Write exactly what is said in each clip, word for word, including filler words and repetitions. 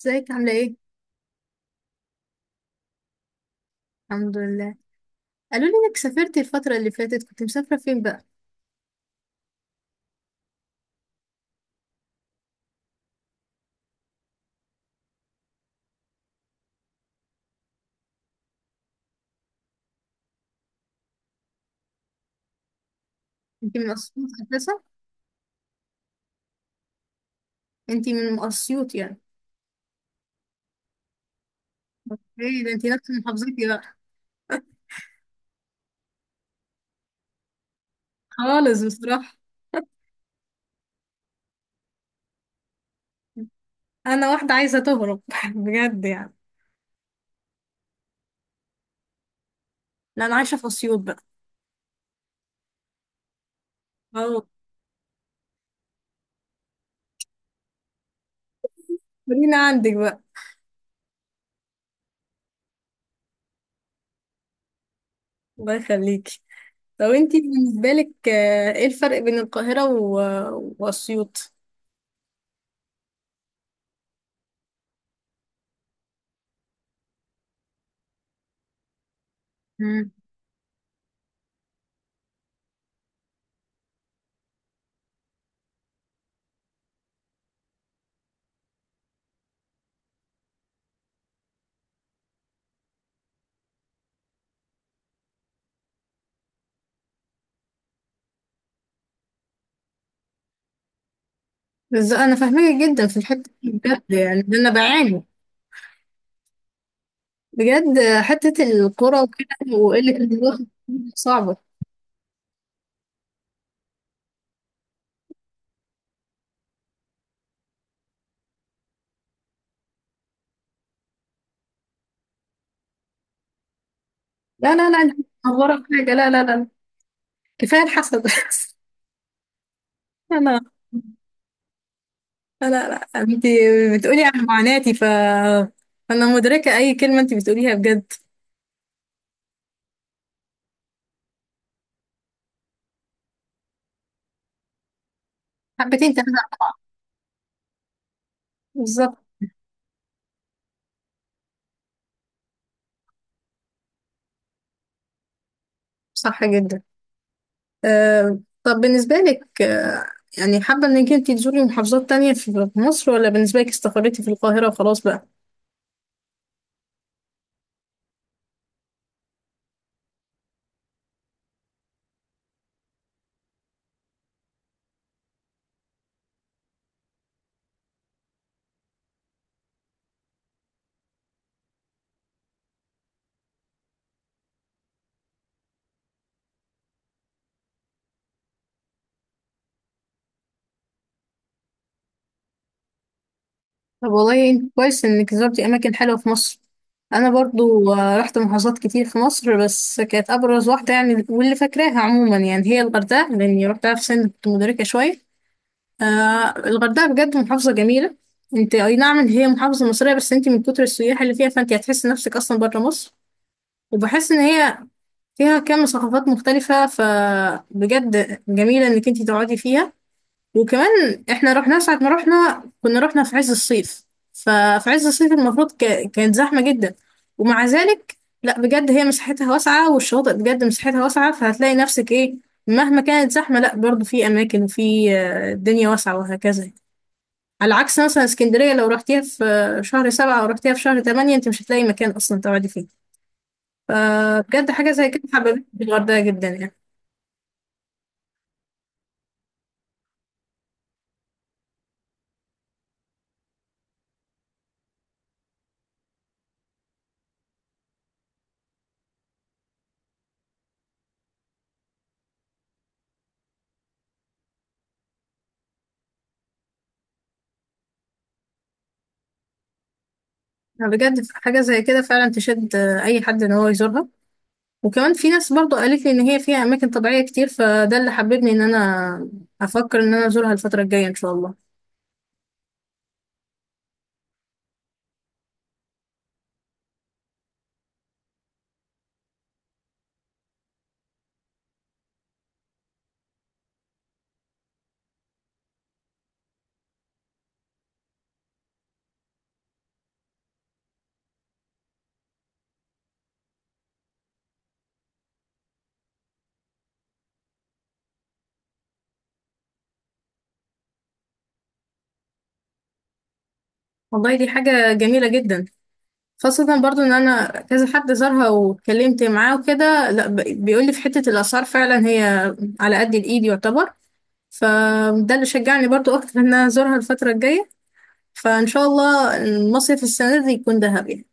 ازيك عاملة ايه؟ الحمد لله. قالوا لي انك سافرت الفترة اللي فاتت، كنت مسافرة فين بقى؟ انت من اسيوط اساسا؟ انت من اسيوط يعني. ايه ده، انت نفس محافظتي بقى. خالص بصراحة. انا واحدة عايزة تهرب بجد يعني. لا، انا عايشة في اسيوط بقى. اه. خلينا عندك بقى. الله يخليكي. طب انت بالنسبة لك، آه، ايه الفرق بين القاهرة و... واسيوط؟ مم. بس انا فاهمك جدا في الحتة دي، بجد يعني، ده انا بعاني بجد، حتة الكرة وكده وقلة الوقت صعبة. لا لا لا، انت متهورة في حاجة، لا لا لا. كفاية الحسد انا، لا لا، انت بتقولي عن معاناتي، ف انا مدركة اي كلمة انت بتقوليها بجد. حبتين تلاتة. بالظبط. صح جدا. أه، طب بالنسبة لك، آه، يعني حابة انك انت تزوري محافظات تانية في في مصر، ولا بالنسبة لك استقريتي في القاهرة وخلاص بقى؟ طب والله انت كويس انك زرتي اماكن حلوه في مصر. انا برضو، آه، رحت محافظات كتير في مصر، بس كانت ابرز واحده يعني واللي فاكراها عموما يعني هي الغردقه، لاني رحتها في سن كنت مدركه شويه. آه، الغردقه بجد محافظه جميله. انت اي نعم ان هي محافظه مصريه، بس انت من كتر السياح اللي فيها فانت هتحس نفسك اصلا بره مصر. وبحس ان هي فيها كم ثقافات مختلفه، فبجد جميله انك انت تقعدي فيها. وكمان احنا رحنا ساعة ما رحنا، كنا رحنا في عز الصيف. ففي عز الصيف المفروض ك... كانت زحمة جدا. ومع ذلك لا، بجد هي مساحتها واسعة، والشواطئ بجد مساحتها واسعة، فهتلاقي نفسك ايه مهما كانت زحمة. لا، برضو في أماكن وفي، آه، الدنيا واسعة وهكذا. على عكس مثلا اسكندرية، لو رحتيها في آه، شهر سبعة أو رحتيها في شهر تمانية، انت مش هتلاقي مكان أصلا تقعدي فيه. فبجد حاجة زي كده حببتني في الغردقة جدا يعني. بجد حاجة زي كده فعلا تشد، آه، أي حد إن هو يزورها. وكمان في ناس برضو قالت لي ان هي فيها اماكن طبيعيه كتير، فده اللي حببني ان انا افكر ان انا ازورها الفتره الجايه ان شاء الله. والله دي حاجه جميله جدا. خاصه برضو ان انا كذا حد زارها واتكلمت معاه وكده، لا ب- بيقول لي في حته الاسعار فعلا هي على قد الايد يعتبر. فده اللي شجعني برضو اكتر ان انا ازورها الفتره الجايه. فان شاء الله المصيف السنه دي يكون دهب يعني.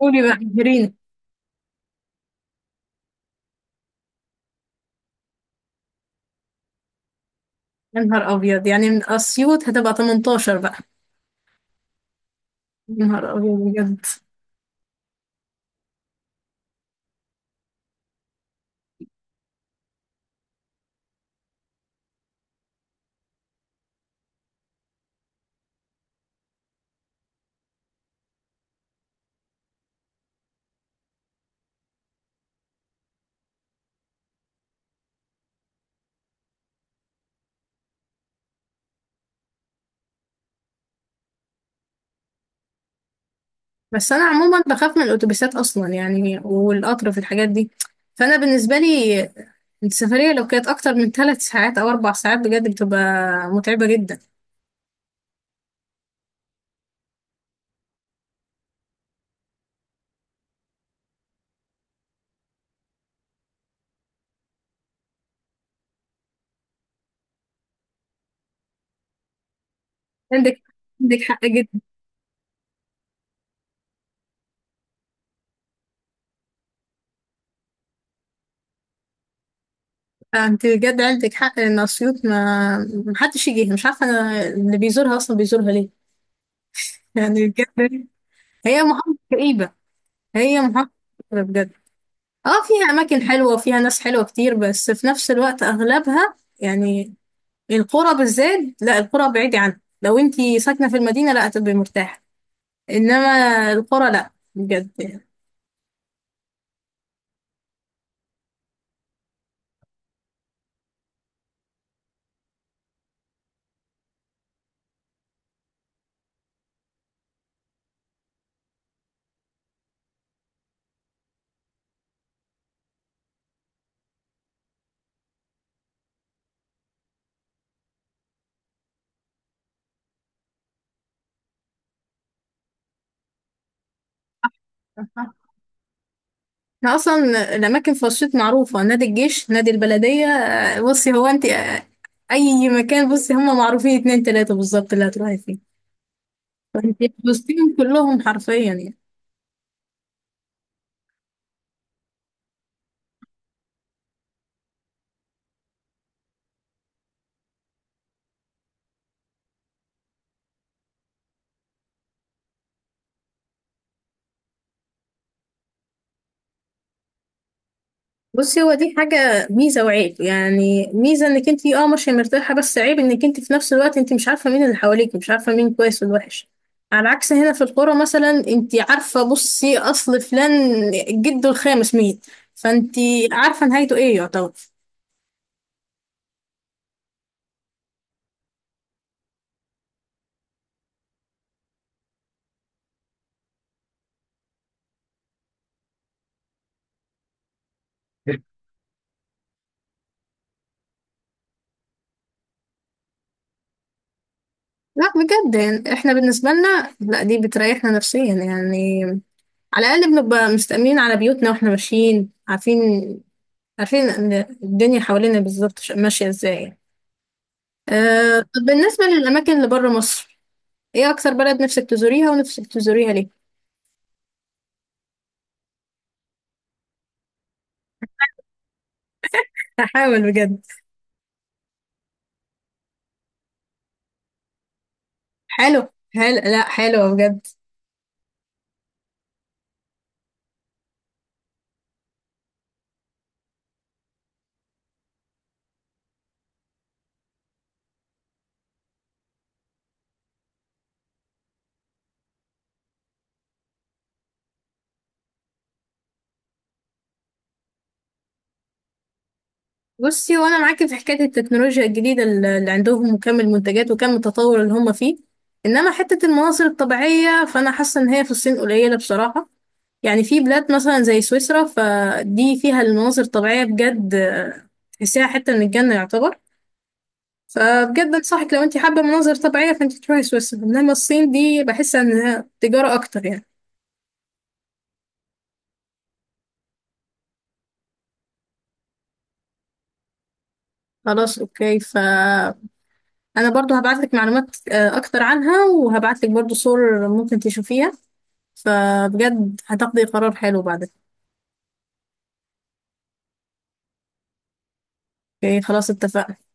قولي بقى جرين. يا نهار ابيض، يعني من اسيوط هتبقى تمنتاشر بقى. يا نهار ابيض بجد. بس انا عموما بخاف من الاتوبيسات اصلا يعني، والقطر، في الحاجات دي فانا بالنسبه لي السفريه لو كانت اكتر من ثلاث ساعات او اربع ساعات بجد بتبقى متعبه جدا. عندك عندك حق جدا. انت بجد عندك حق، ان اسيوط ما محدش يجيها، مش عارفه انا اللي بيزورها اصلا بيزورها ليه. يعني بجد هي محافظه كئيبه. هي محافظه كئيبة بجد. اه فيها اماكن حلوه وفيها ناس حلوه كتير، بس في نفس الوقت اغلبها يعني القرى بالذات، لا القرى بعيدة عنها، لو انتي ساكنة في المدينة لا هتبقي مرتاحة، انما القرى لا بجد يعني. احنا اصلا الاماكن في رشيد معروفة، نادي الجيش، نادي البلدية، آه، بصي هو انتي، آه، اي مكان بصي هم معروفين اتنين تلاتة بالظبط اللي هتروحي فيه. فانتي بصيهم كلهم حرفيا يعني. بصي هو دي حاجة ميزة وعيب، يعني ميزة انك انت اه ماشية مرتاحة، بس عيب انك انت في نفس الوقت انت مش عارفة مين اللي حواليك، مش عارفة مين كويس والوحش. على عكس هنا في القرى، مثلا انت عارفة بصي اصل فلان جده الخامس مين، فانت عارفة نهايته ايه يعتبر. لا بجد يعني احنا بالنسبة لنا لا، دي بتريحنا نفسيا يعني. على الأقل بنبقى مستأمنين على بيوتنا، واحنا ماشيين عارفين عارفين إن الدنيا حوالينا بالظبط ماشية ازاي. أه، طب بالنسبة للأماكن اللي بره مصر، إيه أكتر بلد نفسك تزوريها ونفسك تزوريها ليه؟ هحاول بجد. حلو. حلو، لا حلو بجد. بصي وأنا معاكي في حكاية التكنولوجيا الجديدة اللي اللي عندهم، وكم المنتجات وكم التطور اللي هم فيه. إنما حتة المناظر الطبيعية فأنا حاسة إن هي في الصين قليلة بصراحة. يعني في بلاد مثلا زي سويسرا، فدي فيها المناظر الطبيعية بجد، آه، تحسيها حتة من الجنة يعتبر. فبجد انصحك لو انت حابة مناظر طبيعية فانت تروحي سويسرا، انما الصين دي بحس انها تجارة اكتر يعني. خلاص اوكي، فانا برضو هبعتلك معلومات، آه، اكتر عنها، وهبعتلك برضو صور ممكن تشوفيها، فبجد هتاخدي قرار حلو بعدك. اوكي خلاص، اتفقنا.